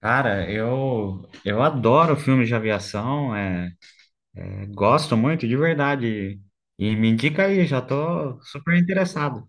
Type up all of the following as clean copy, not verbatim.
Cara, eu adoro filmes de aviação, gosto muito, de verdade. E me indica aí, já tô super interessado.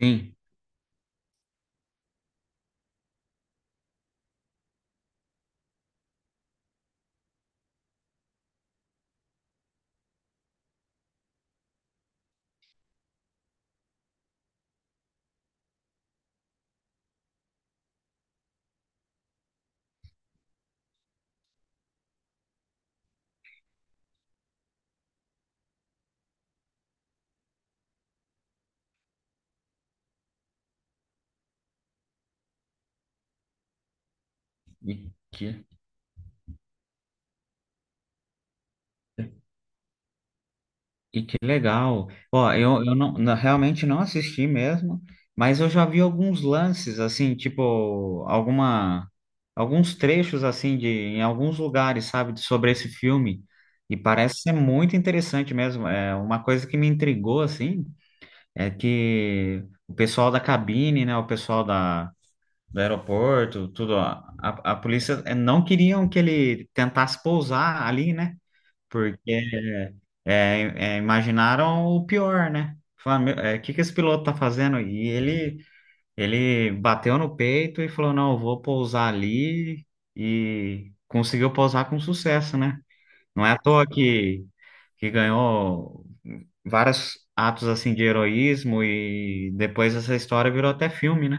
Sim, e que, e que legal. Ó, eu não, não- realmente não assisti mesmo, mas eu já vi alguns lances, assim, tipo, alguns trechos, assim, de, em alguns lugares, sabe, de- sobre esse filme. E parece ser muito interessante mesmo. É uma coisa que me intrigou, assim. É que o pessoal da cabine, né, o pessoal da, do aeroporto, tudo, a polícia não queriam que ele tentasse pousar ali, né? Porque imaginaram o pior, né? Falaram, o que que esse piloto tá fazendo? Ele bateu no peito e falou, não, eu vou pousar ali e conseguiu pousar com sucesso, né? Não é à toa que ganhou vários atos assim de heroísmo e depois essa história virou até filme, né?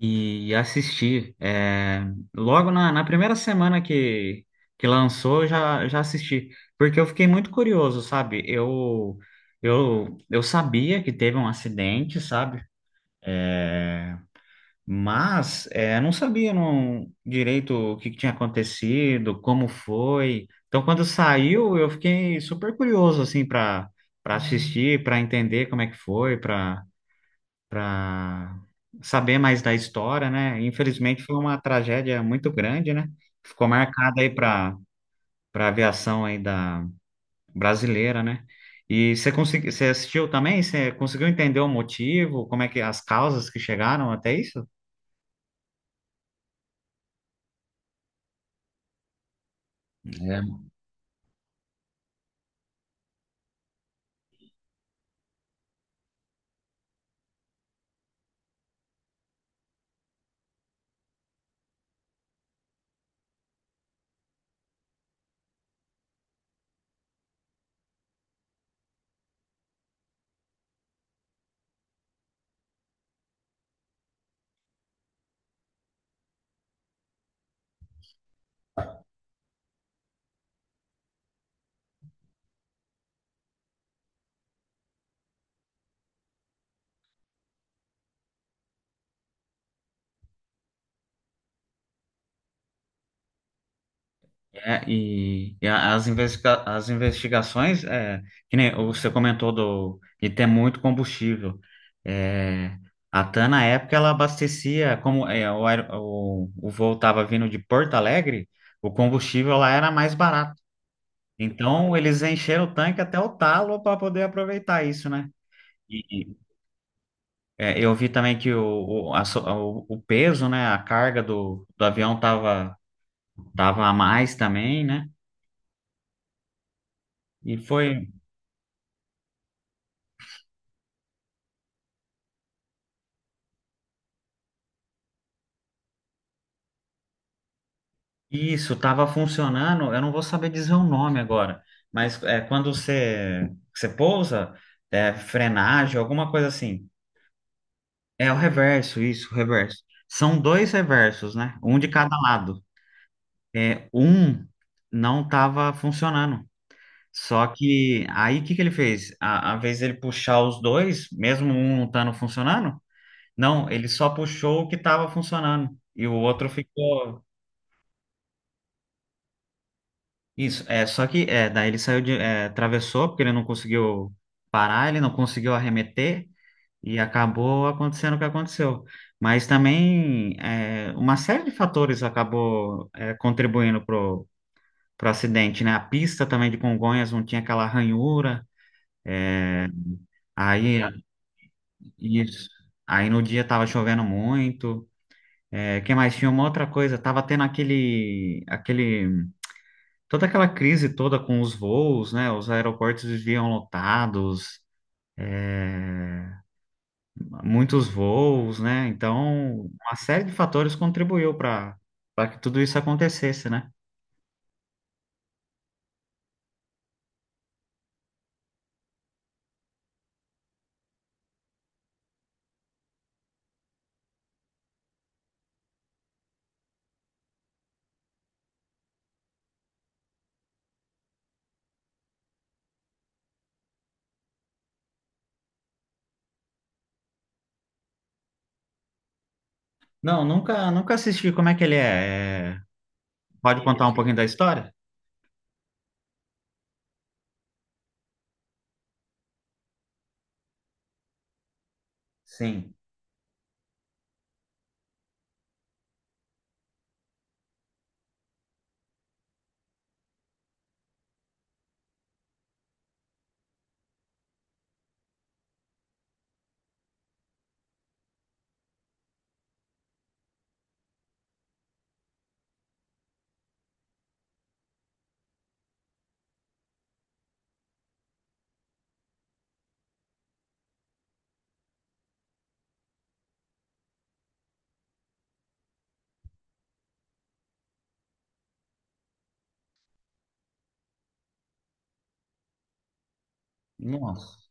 E assisti. Logo na, na primeira semana que lançou, eu já, já assisti. Porque eu fiquei muito curioso, sabe? Eu sabia que teve um acidente, sabe? É, mas é, não sabia não, direito o que, que tinha acontecido, como foi. Então, quando saiu, eu fiquei super curioso assim para assistir, para entender como é que foi, para saber mais da história, né? Infelizmente foi uma tragédia muito grande, né? Ficou marcada aí para aviação aí da brasileira, né? E você conseguiu, você assistiu também? Você conseguiu entender o motivo? Como é que as causas que chegaram até isso? É, as investigações, é, que nem você comentou do, de ter muito combustível. É, a TAM, na época, ela abastecia, como é, o voo estava vindo de Porto Alegre, o combustível lá era mais barato. Então, eles encheram o tanque até o talo para poder aproveitar isso, né? E, e, eu vi também que o peso, né, a carga do, do avião tava, tava a mais também, né? E foi. Isso, estava funcionando. Eu não vou saber dizer o nome agora, mas é quando você pousa, é, frenagem, alguma coisa assim. É o reverso, isso, o reverso. São dois reversos, né? Um de cada lado. É, um não estava funcionando. Só que aí o que que ele fez? A vez ele puxar os dois, mesmo um não estando funcionando, não, ele só puxou o que estava funcionando e o outro ficou. Isso, é, só que é, daí ele saiu de, é, atravessou, porque ele não conseguiu parar, ele não conseguiu arremeter, e acabou acontecendo o que aconteceu. Mas também é, uma série de fatores acabou é, contribuindo pro, pro acidente, né? A pista também de Congonhas não tinha aquela ranhura, é, aí isso, aí no dia tava chovendo muito, é, que mais tinha uma outra coisa, tava tendo aquele, aquele toda aquela crise toda com os voos, né? Os aeroportos viviam lotados, é, muitos voos, né? Então, uma série de fatores contribuiu para que tudo isso acontecesse, né? Não, nunca assisti. Como é que ele é? É, pode contar um pouquinho da história? Sim. Nossa.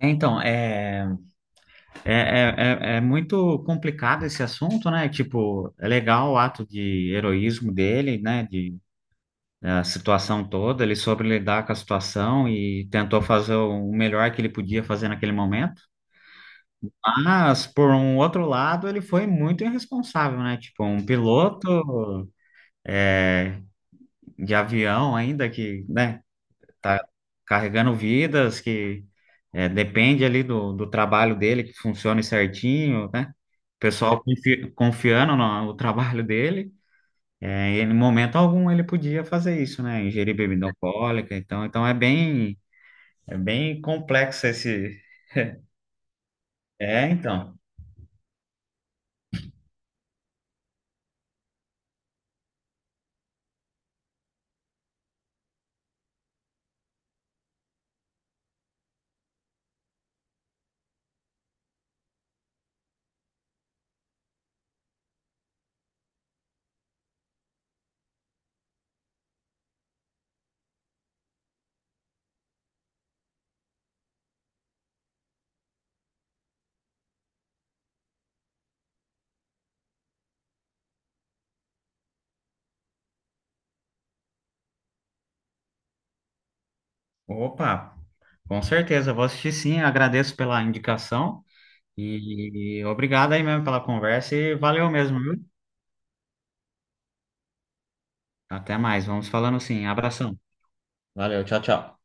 Então, é é muito complicado esse assunto, né? Tipo, é legal o ato de heroísmo dele, né? A situação toda, ele soube lidar com a situação e tentou fazer o melhor que ele podia fazer naquele momento. Mas, por um outro lado, ele foi muito irresponsável, né? Tipo, um piloto é, de avião ainda que, né, tá carregando vidas, que é, depende ali do, do trabalho dele, que funcione certinho, né? O pessoal confi- confiando no, no trabalho dele. É, em momento algum ele podia fazer isso, né? Ingerir bebida alcoólica, então, então é bem É bem complexo esse. É, então. Opa, com certeza, eu vou assistir sim. Agradeço pela indicação e obrigado aí mesmo pela conversa e valeu mesmo, viu? Até mais, vamos falando sim. Abração. Valeu, tchau, tchau.